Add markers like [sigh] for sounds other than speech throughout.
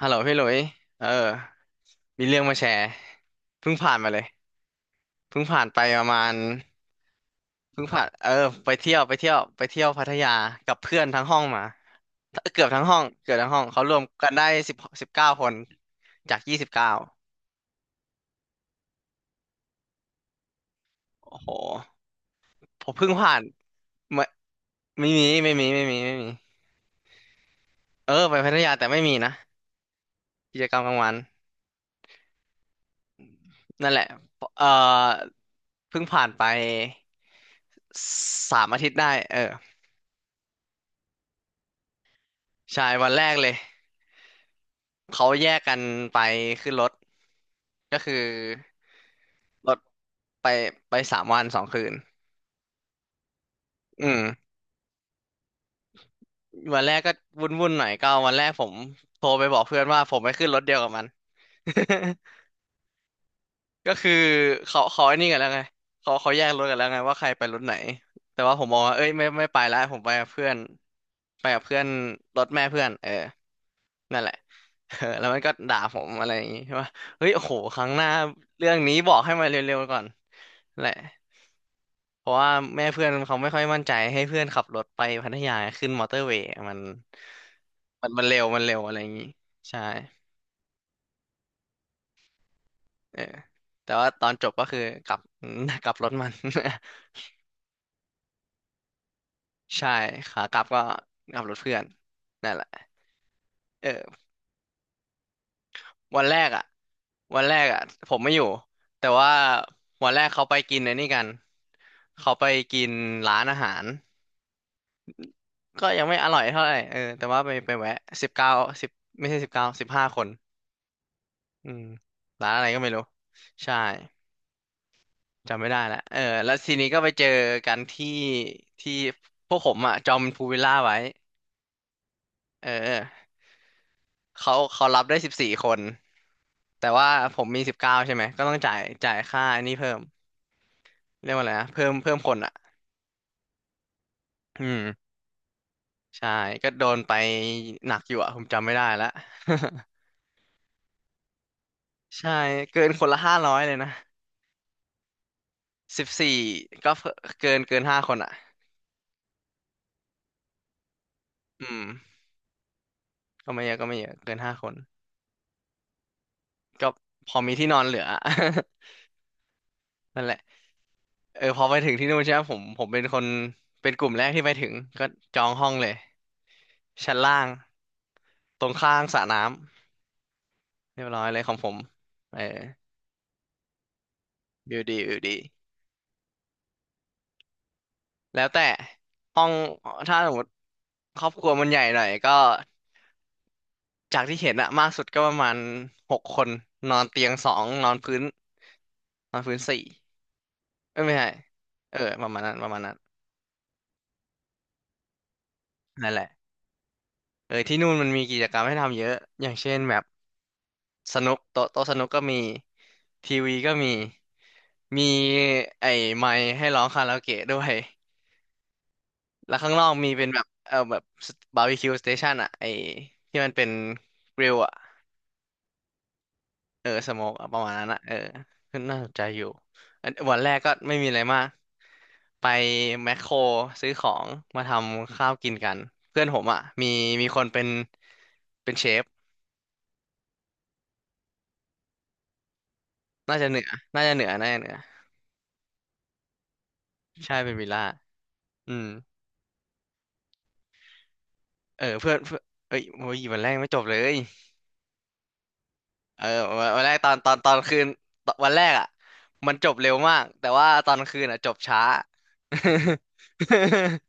ฮัลโหลพี่หลุยเออมีเรื่องมาแชร์ เพิ่งผ่านมาเลยเพิ่งผ่านไปประมาณเพิ่งผ่านไปเที่ยวไปเที่ยวไปเที่ยวพัทยากับเพื่อนทั้งห้องมาเกือบทั้งห้องเกือบทั้งห้องเขารวมกันได้สิบเก้าคนจาก29โอ้โหผมเพิ่งผ่านไม่ไม่มีไปพัทยาแต่ไม่มีนะกิจกรรมกลางวันนั่นแหละเออเพิ่งผ่านไป3 อาทิตย์ได้เออใช่วันแรกเลย เขาแยกกันไปขึ้นรถก็คือรถไปไป3 วัน 2 คืนอืมวันแรกก็วุ่นวุ่นหน่อยก็วันแรกผมโทรไปบอกเพื่อนว่าผมไปขึ้นรถเดียวกับมัน [laughs] ก็คือเขาไอ้นี่กันแล้วไงเขาแยกรถกันแล้วไงว่าใครไปรถไหนแต่ว่าผมบอกว่าเอ้ยไม่ไปแล้วผมไปกับเพื่อนรถแม่เพื่อนนั่นแหละ [laughs] เออแล้วมันก็ด่าผมอะไรอย่างงี้ใช่ปะเฮ้ยโอ้โหครั้งหน้าเรื่องนี้บอกให้มาเร็วๆก่อนแหละ เพราะว่าแม่เพื่อนเขาไม่ค่อยมั่นใจให้เพื่อนขับรถไปพัทยาขึ้นมอเตอร์เวย์มันมันเร็วมันเร็วอะไรอย่างงี้ใช่เออแต่ว่าตอนจบก็คือกลับ [laughs] กลับรถมัน [laughs] ใช่ขากลับก็ขับรถเพื่อนนั่นแหละเออวันแรกอ่ะวันแรกอ่ะผมไม่อยู่แต่ว่าวันแรกเขาไปกินไอ้นี่กันเขาไปกินร้านอาหารก็ยังไม่อร่อยเท่าไหร่เออแต่ว่าไปแวะสิบเก้าสิบไม่ใช่สิบเก้า15 คน อืมร้านอะไรก็ไม่รู้ ใช่จำไม่ได้ละเออแล้วทีนี้ก็ไปเจอกันที่ที่พวกผมอ่ะจองพูลวิลล่าไว้เออเขารับได้14 คนแต่ว่าผมมีสิบเก้าใช่ไหมก็ต้องจ่ายค่าอันนี้เพิ่มเรียกว่าอะไรนะเพิ่มคนอ่ะอืมใช่ก็โดนไปหนักอยู่อ่ะผมจำไม่ได้ละ [laughs] ใช่เกินคนละ500เลยนะสิบสี่ก็เกินห้าคนอ่ะอืมก็ไม่เยอะเกินห้าคน ก็พอมีที่นอนเหลือ [laughs] นั่นแหละเออพอไปถึงที่นู่นใช่ไหมผมเป็นคนเป็นกลุ่มแรกที่ไปถึงก็จองห้องเลยชั้นล่างตรงข้างสระน้ำเรียบร้อยเลยของผมเออวิวดีวิวดีแล้วแต่ห้องถ้าสมมติครอบครัวมันใหญ่หน่อยก็จากที่เห็นอะมากสุดก็ประมาณ6 คนนอนเตียงสองนอนพื้นนอนพื้นสี่เอ้ยไม่ใช่เออประมาณนั้นประมาณนั้นนั่นแหละเออที่นู่นมันมีกิจกรรมให้ทำเยอะอย่างเช่นแบบ สนุกโต๊ะโต๊ะสนุกก็มีทีวีก็มีไอ้ไมค์ให้ร้องคาราโอเกะด้วย [laughs] แล้วข้างนอกมีเป็นแบบเออแบบบาร์บีคิวสเตชันอ่ะไอ้ที่มันเป็นกริลอ่ะเออสโมกประมาณนั้นอ่ะเออน่าสนใจอยู่อันวันแรกก็ไม่มีอะไรมากไปแมคโครซื้อของมาทำข้าวกินกันเพื่อนผมอ่ะมีคนเป็นเชฟน่าจะเหนือน่าจะเหนือน่าจะเหนือใช่เป็นวิลล่าอืม เออเพื่อนเพื่อนเอ้ยโอ้ยวันแรกไม่จบเลยเออวันแรกตอนคืนตอนวันแรกอ่ะมันจบเร็วมากแต่ว่าตอนคืนอ่ะจบช้า [laughs]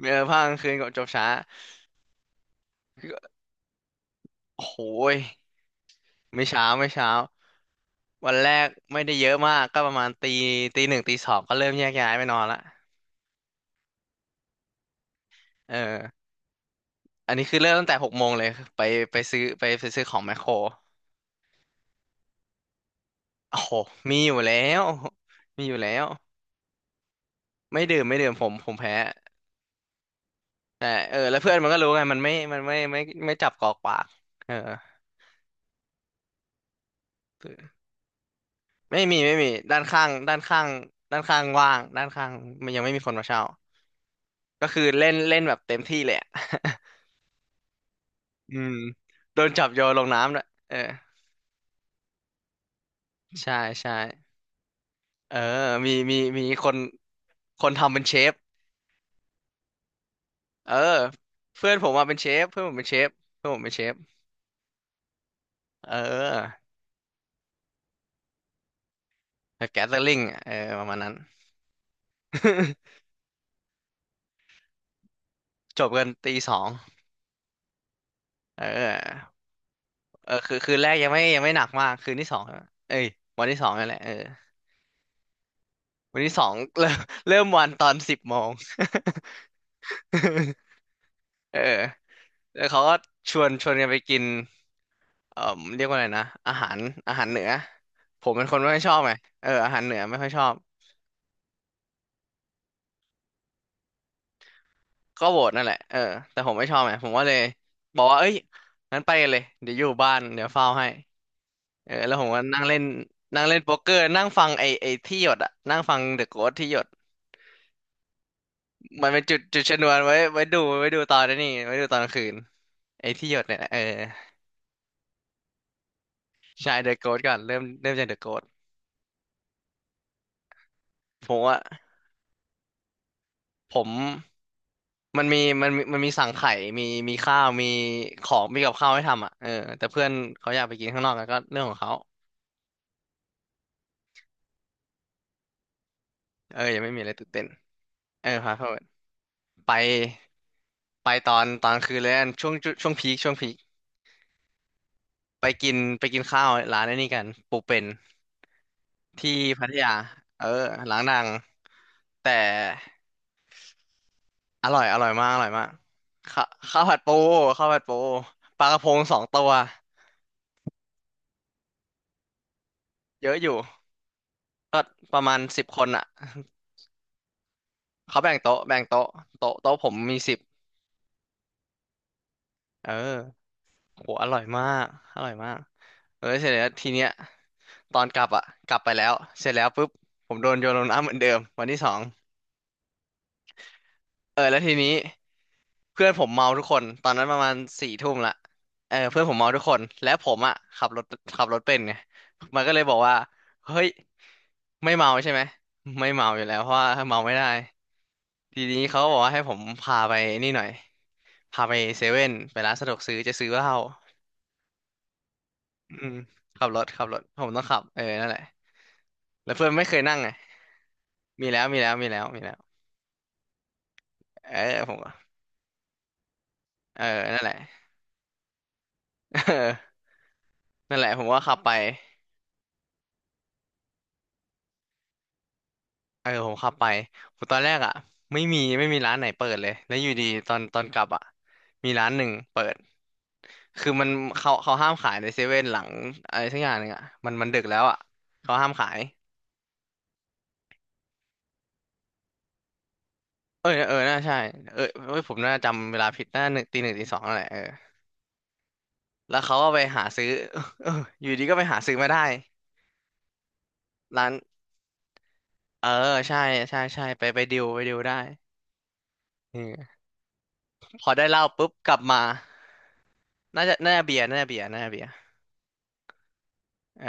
เออภาคกลางคืนก็จบช้าโอ้โหยไม่เช้าไม่เช้าวันแรกไม่ได้เยอะมากก็ประมาณตีหนึ่งตีสองก็เริ่มแยกย้ายไปนอนละเอออันนี้คือเริ่มตั้งแต่6 โมงเลยไปไปซื้อของแมคโครโอ้โหมีอยู่แล้วมีอยู่แล้วไม่ดื่มไม่ดื่มผมแพ้ แต่เออแล้วเพื่อนมันก็รู้ไงมันไม่จับกอกปากเออไม่มีด้านข้างด้านข้างด้านข้างว่างด้านข้างมันยังไม่มีคนมาเช่าก็คือเล่นเล่นแบบเต็มที่เลยอะ [laughs] อืมโดนจับโยนลงน้ำด้วยเออใช่ใช่เออมีคนทำเป็นเชฟเออเพื่อนผมมาเป็นเชฟเพื่อนผมเป็นเชฟเพื่อนผมเป็นเชฟเออแกสเตอรลิงเออประมาณนั้น [laughs] จบกันตี 2เออ เออคือคืนแรกยังไม่หนักมากคืนที่สองอะเอ้ยวันที่สองนั่นแหละเออวันที่สอง [laughs] เริ่มวันตอน10 โมง [laughs] เออแล้วเขาก็ชวนกันไปกินเอ่อเรียกว่าอะไรนะอาหารเหนือผมเป็นคนไม่ค่อยชอบไงเอออาหารเหนือไม่ค่อยชอบก็โหวตนั่นแหละเออแต่ผมไม่ชอบไงผมก็เลยบอกว่าเอ้ยงั้นไปกันเลยเดี๋ยวอยู่บ้านเดี๋ยวเฝ้าให้เออแล้วผมก็นั่งเล่นโป๊กเกอร์นั่งฟังไอที่หยดอะนั่งฟังเดอะโกสที่หยด มันเป็นจุดชนวนไว้ดูไว้ดูตอนนี้ไว้ดูตอนกลางคืนไอ้ที่หยดเนี่ยแหละเออใช่เดอะโกสก่อนเริ่มจากเดอะโกสผมว่าผมมันมีสั่งไข่มีมีข้าวมีของมีกับข้าวให้ทำอ่ะเออแต่เพื่อนเขาอยากไปกินข้างนอกกันก็เรื่องของเขาเออยังไม่มีอะไรตื่นเต้นเออพาเขาไปไปตอนกลางคืนเลยกันช่วงพีคไปกินข้าวร้านไอ้นี่กันปูเป็นที่พัทยาเออร้านดังแต่ อร่อยอร่อยมากอร่อยมากข้าข้าวผัดปูข้าวผัดปูปลากระพง2 ตัวเยอะอยู่ก็ประมาณ10 คนอ่ะเขาแบ่งโต๊ะโต๊ะผมมีสิบเออโหอร่อยมากอร่อยมากเออเสร็จแล้วทีเนี้ยตอนกลับอ่ะกลับไปแล้วเสร็จแล้วปุ๊บผมโดนโยนลงน้ำเหมือนเดิมวันที่สองเออแล้วทีนี้เพื่อนผมเมาทุกคนตอนนั้นประมาณ4 ทุ่มละเออเพื่อนผมเมาทุกคนและผมอ่ะขับรถขับรถเป็นไงมันก็เลยบอกว่าเฮ้ย ไม่เมาใช่ไหมไม่เมาอยู่แล้วเพราะว่าเมาไม่ได้ทีนี้เขาก็บอกว่าให้ผมพาไปนี่หน่อยพาไปเซเว่นไปร้านสะดวกซื้อจะซื้อเหล้าอืมขับรถผมต้องขับเออนั่นแหละแล้วเพื่อนไม่เคยนั่งไงมีแล้วมีแล้วมีแล้วมีแล้วเออผมก็เออนั่นแหละ [laughs] เออนั่นแหละผมว่าขับไปเออผมขับไปผมตอนแรกอ่ะไม่มีร้านไหนเปิดเลยแล้วอยู่ดีตอนกลับอ่ะมีร้านหนึ่งเปิด คือมันเขาห้ามขายในเซเว่นหลังอะไรสักอย่างหนึ่งอ่ะมันดึกแล้วอ่ะเขาห้ามขายเออเออน่าใช่เออเอ้ยผมน่าจำเวลาผิดน่าหนึ่งตีหนึ่งตีสองนั่นแหละเออแล้วเขาก็ไปหาซื้อ [laughs] เอออยู่ดีก็ไปหาซื้อมาได้ร้านเออใช่ใช่ใช่ไปดิวได้เออพอได้เหล้าปุ๊บกลับมาน่าจะน่าจะเบียร์น่าจะเบียร์น่าจะเบียร์เออ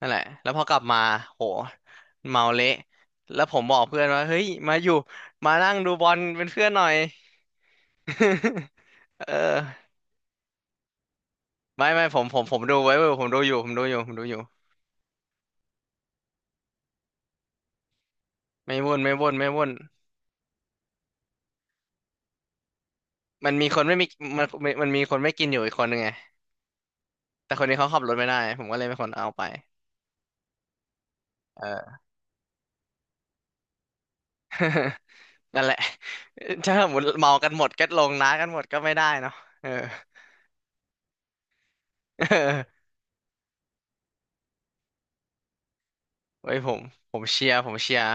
นั่นแหละแล้วพอกลับมาโหเมาเละแล้วผมบอกเพื่อนว่าเฮ้ยมาอยู่มานั่งดูบอลเป็นเพื่อนหน่อย [laughs] เออไม่ผมดูไว้เว้ยผมดูอยู่ผมดูอยู่ผมดูอยู่ไม่วุ่นไม่วุ่นไม่วุ่นมันมีคนไม่มีมันมันมีคนไม่กินอยู่อีกคนนึงไงแต่คนนี้เขาขับรถไม่ได้ผมก็เลยเป็นคนเอาไปเออ [laughs] นั่นแหละถ้าหมดเมากันหมดก็ลงน้ากันหมดก็ไม่ได้เนาะเออ [laughs] เออว้ยผมเชียร์ผมเชียร์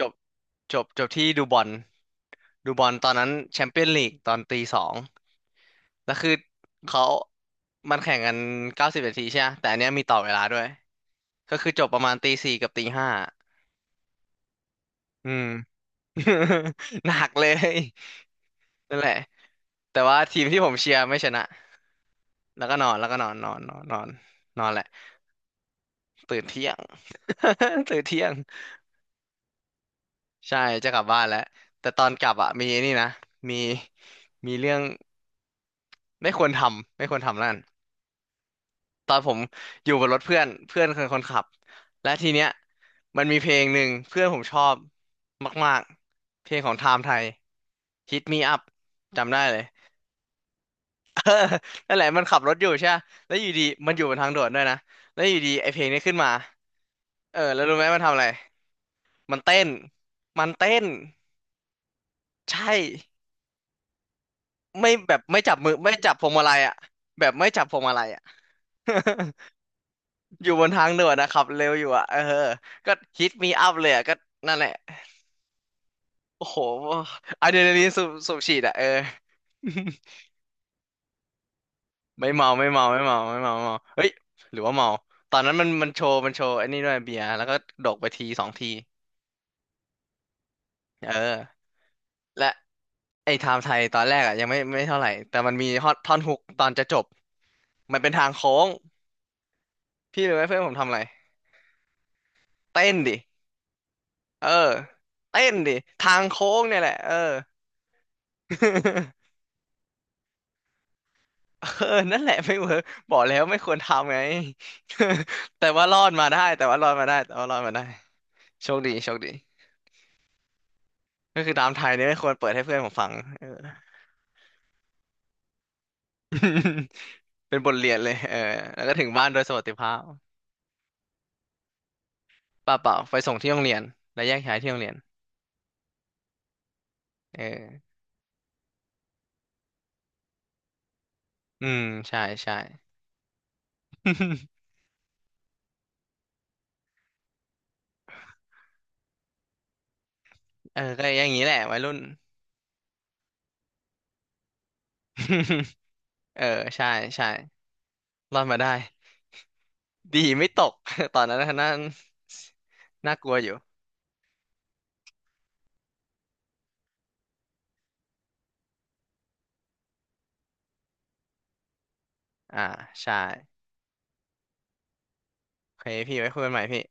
จบจบที่ดูบอลดูบอลตอนนั้นแชมเปี้ยนลีกตอนตีสองแล้วคือเขามันแข่งกัน90 นาทีใช่ไหมแต่อันเนี้ยมีต่อเวลาด้วย ก็คือจบประมาณตีสี่กับตีห้าอืม [laughs] หนักเลยนั่นแหละแต่ว่าทีมที่ผมเชียร์ไม่ชนะ แล้วก็นอนนอนนอนนอนนอนแหละ ตื่นเที่ยง [laughs] ตื่นเที่ยงใช่จะกลับบ้านแล้ว แต่ตอนกลับอ่ะมีไอ้นี่นะ มีมีเรื่องไม่ควรทำ ไม่ควรทำนั่นตอนผมอยู่บนรถเพื่อน เพื่อนคือคนขับ และทีเนี้ยมันมีเพลงหนึ่งเพื่อนผมชอบมากๆ เพลงของไทม์ไทย Hit Me Up จำได้เลย [laughs] นั่นแหละมันขับรถอยู่ใช่ปะแล้วอยู่ดีมันอยู่บนทางด่วนด้วยนะแล้วอยู่ดีไอเพลงนี้ขึ้นมาเออแล้วรู้ไหมมันทำอะไรมันเต้นมันเต้นใช่ไม่แบบไม่จับมือไม่จับพวงมาลัยอ่ะแบบไม่จับพวงมาลัยอ่ะ [laughs] อยู่บนทางด่วนนะขับเร็วอยู่อ่ะเออก็ฮิตมีอัพเลยอ่ะก็นั่นแหละโอ้โหอะดรีนาลีนสูบฉีดอ่ะเออ [laughs] ไม่เมาไม่เมาไม่เมาไม่เมาไม่เมาเฮ้ยหรือว่าเมาตอนนั้นมันโชว์ไอ้นี่ด้วยเบียร์แล้วก็ดกไปทีสองที เออและไอ้ไทม์ไทยตอนแรกอ่ะยังไม่เท่าไหร่แต่มันมีฮอตท่อนฮุกตอนจะจบมันเป็นทางโค้งพี่รู้ไหมเพื่อนผมทำอะไรเต้นดิเออเต้นดิทางโค้งเนี่ยแหละเออ [laughs] เออนั่นแหละไม่เวิร์กบอกแล้วไม่ควรทำไง [laughs] แต่ว่ารอดมาได้แต่ว่ารอดมาได้แต่ว่ารอดมาได้โชคดีโชคดีก็คือตามไทยเนี่ยไม่ควรเปิดให้เพื่อนผมฟังเออ [laughs] เป็นบทเรียนเลยเออแล้วก็ถึงบ้านโดยสวัสดิภาพเปล่าเปล่าไปส่งที่โรงเรียนแล้วแยกย้ายที่โรงเรียนเออ อืมใช่ใช่ [laughs] เออก็อย่างนี้แหละวัยรุ่น [laughs] เออใช่ใช่รอดมาได้ดีไม่ตก [laughs] ตอนนั้นน่นาน่ากลัวอยู่อ่าใช่โอเคพี่ไว้คุยกันใหม่พี่